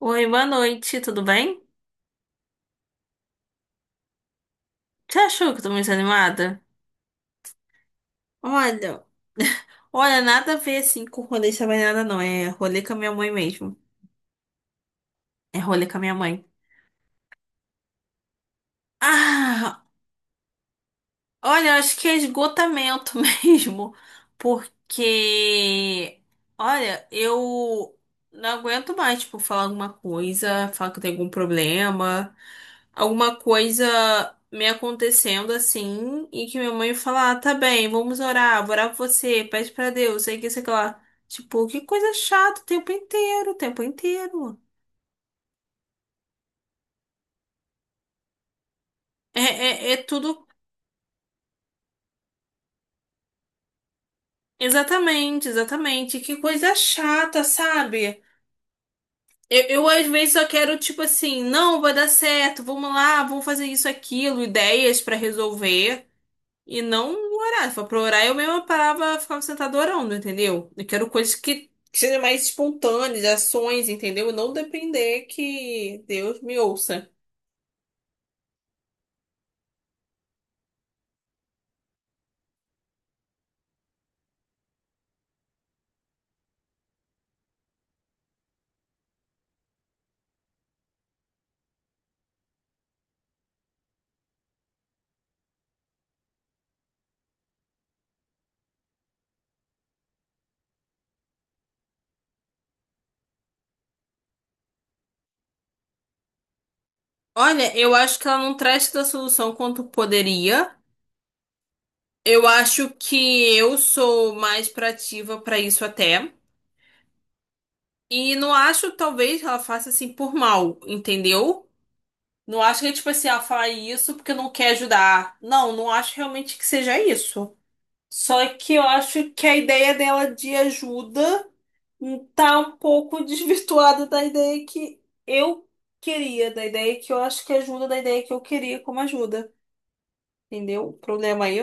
Oi, boa noite, tudo bem? Você achou que eu tô muito animada? Olha, olha, nada a ver assim com rolê de nada não. É rolê com a minha mãe mesmo. É rolê com a minha mãe. Ah, olha, eu acho que é esgotamento mesmo, porque, olha, eu não aguento mais, tipo, falar alguma coisa, falar que eu tenho algum problema, alguma coisa me acontecendo assim, e que minha mãe fala, ah, tá bem, vamos orar, vou orar por você, pede pra Deus, sei que lá. Tipo, que coisa chata o tempo inteiro, o tempo inteiro. É, é, é tudo. Exatamente, exatamente. Que coisa chata, sabe? Eu, às vezes só quero, tipo assim, não, vai dar certo, vamos lá, vamos fazer isso, aquilo, ideias pra resolver. E não orar. Se for pra orar, eu mesma parava, ficava sentada orando, entendeu? Eu quero coisas que sejam mais espontâneas, ações, entendeu? E não depender que Deus me ouça. Olha, eu acho que ela não traz tanta solução quanto poderia. Eu acho que eu sou mais proativa pra isso até. E não acho, talvez, que ela faça assim por mal, entendeu? Não acho que é tipo assim, ela fala isso porque não quer ajudar. Não, não acho realmente que seja isso. Só que eu acho que a ideia dela de ajuda tá um pouco desvirtuada da ideia que eu queria, da ideia que eu acho que ajuda, da ideia que eu queria como ajuda. Entendeu? O problema aí.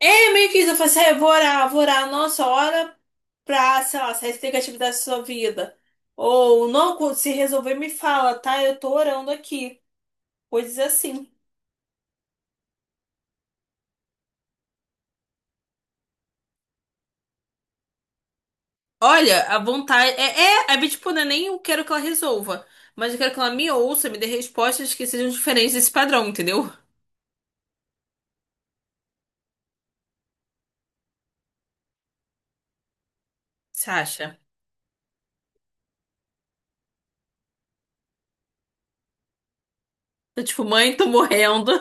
É meio que isso, eu falei assim, "Ah, eu vou orar a nossa hora pra, sei lá, sair negativo da sua vida. Ou não, quando se resolver, me fala, tá? Eu tô orando aqui. Coisas assim." Olha, a vontade. É, é, é tipo, não é nem eu quero que ela resolva, mas eu quero que ela me ouça, me dê respostas que sejam diferentes desse padrão, entendeu? Você acha? Eu, tipo, mãe, tô morrendo.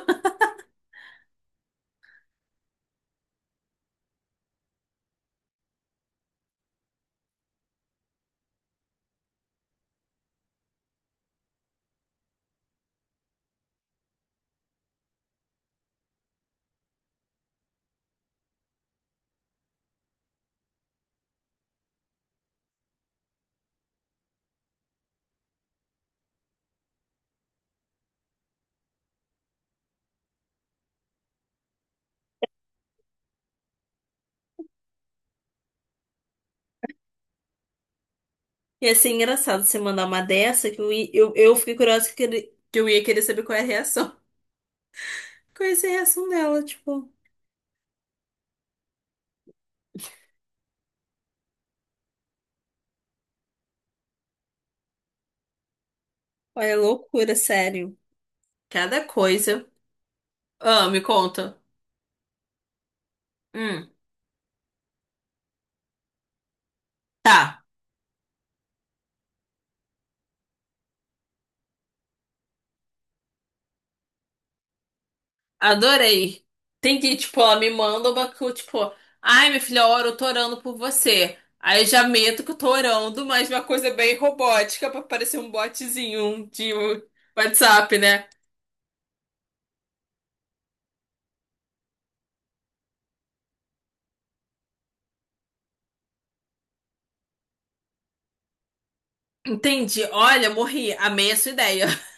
E assim, engraçado você mandar uma dessa que eu fiquei curiosa que eu ia querer saber qual é a reação. Qual é a reação dela, tipo. Olha, loucura, sério. Cada coisa. Ah, me conta. Hum, tá. Adorei. Tem que, tipo, ela me manda tipo, ai, minha filha, ora, eu tô orando por você. Aí eu já meto que eu tô orando, mas uma coisa bem robótica pra parecer um botzinho de WhatsApp, né? Entendi. Olha, morri. Amei a sua ideia.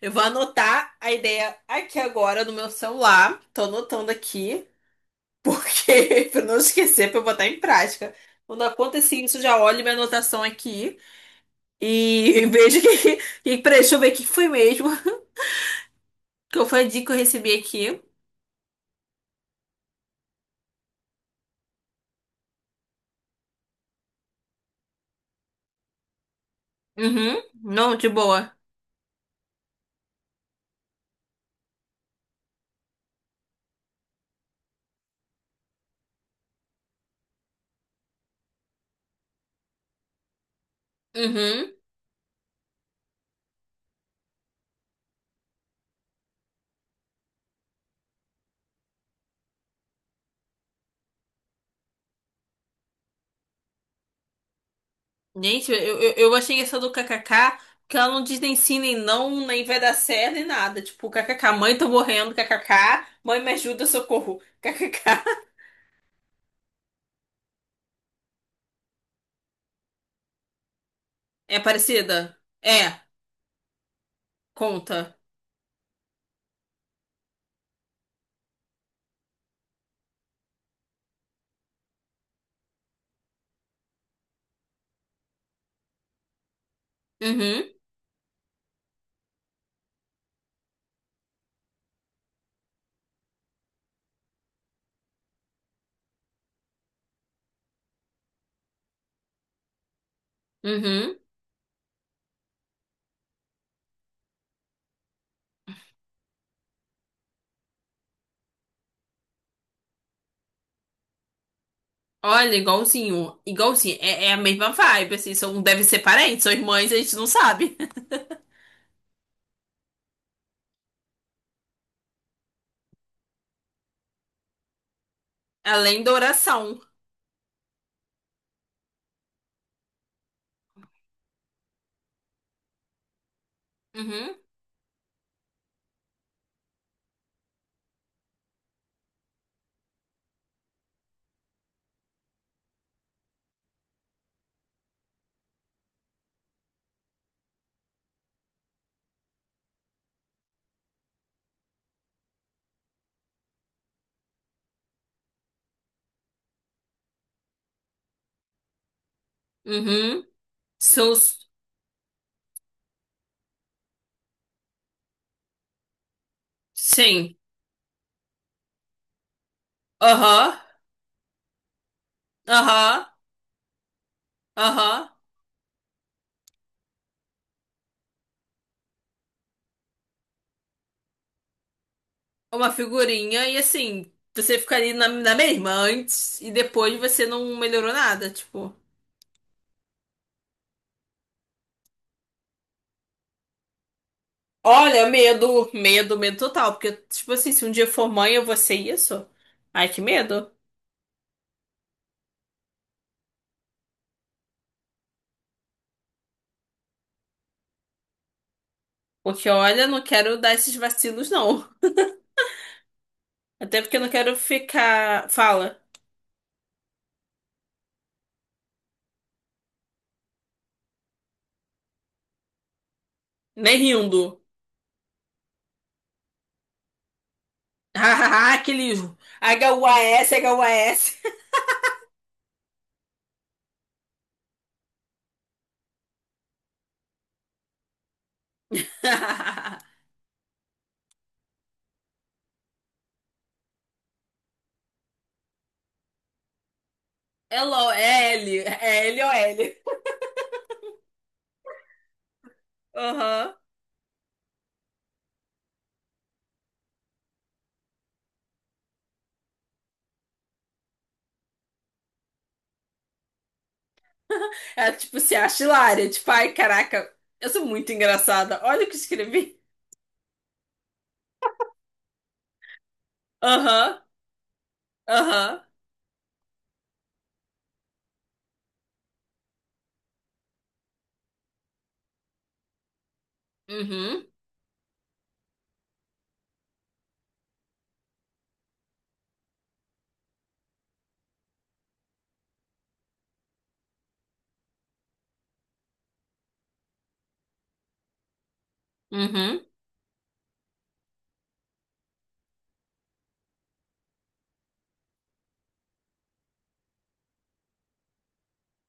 Eu vou anotar a ideia aqui agora no meu celular. Tô anotando aqui. Porque, para não esquecer, para eu botar em prática. Quando acontecer isso, já olho minha anotação aqui e vejo que peraí, deixa eu ver o que foi mesmo. Que foi a dica que eu recebi aqui. Uhum. Não, de boa. Uhum. Gente, eu achei essa do kkk, que ela não diz nem sim, nem não, nem vai dar certo, nem nada. Tipo, kkk, mãe, tô morrendo, kkk, mãe, me ajuda, socorro, kkk. É parecida? É, conta. Uhum, uhum. Olha, igualzinho, igualzinho, é a mesma vibe, assim, devem ser parentes, são irmãs, a gente não sabe. Além da oração. Uhum, uhum, são, sim, aham, aham, aham, uma figurinha, e assim, você fica ali na mesma antes, e depois você não melhorou nada, tipo. Olha, medo, medo, medo total, porque, tipo assim, se um dia for mãe eu vou ser isso, ai que medo, porque olha, não quero dar esses vacilos não. Até porque eu não quero ficar. Fala. Nem rindo. Aquele. HUAS, HUAS. É LOL, é L. É LOL. Aham. Ela, tipo, se acha hilária. Tipo, ai, caraca, eu sou muito engraçada. Olha o que escrevi. Aham, aham. Uhum, uhum.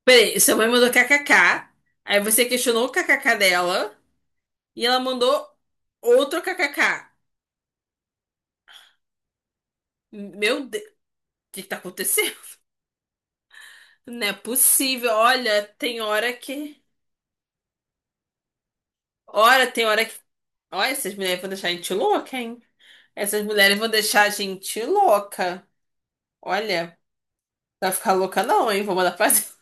Peraí, sua mãe mandou k k k. Aí você questionou o k k k dela. E ela mandou outro k K K. Meu Deus, o que que tá acontecendo? Não é possível. Olha, tem hora que. Olha, tem hora que. Olha, essas mulheres vão deixar a gente louca, hein? Essas mulheres vão deixar a gente louca. Olha, não vai ficar louca não, hein? Vou mandar fazer.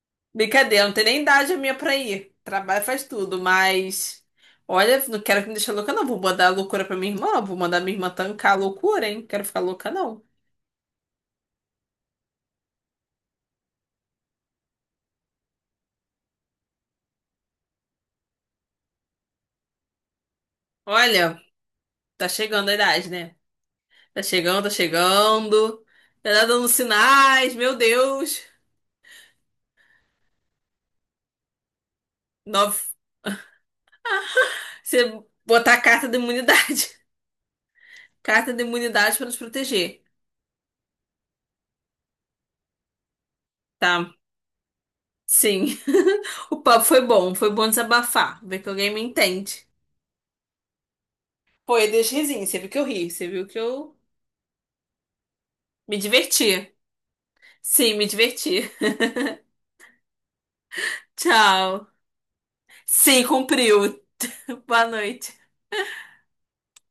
Brincadeira, não tem nem idade a minha pra ir. Trabalho faz tudo, mas. Olha, não quero que me deixe louca, não. Vou mandar a loucura pra minha irmã. Vou mandar minha irmã tancar a loucura, hein? Quero ficar louca, não. Olha, tá chegando a idade, né? Tá chegando, tá chegando. Tá dando sinais, meu Deus. Nove. Você botar a carta da imunidade. Carta da imunidade pra nos proteger, tá? Sim. O papo foi bom desabafar, ver que alguém me entende. Pô, eu dei uns risinhos, você viu que eu ri, você viu que eu me diverti. Sim, me diverti. Tchau. Sim, cumpriu. Boa noite.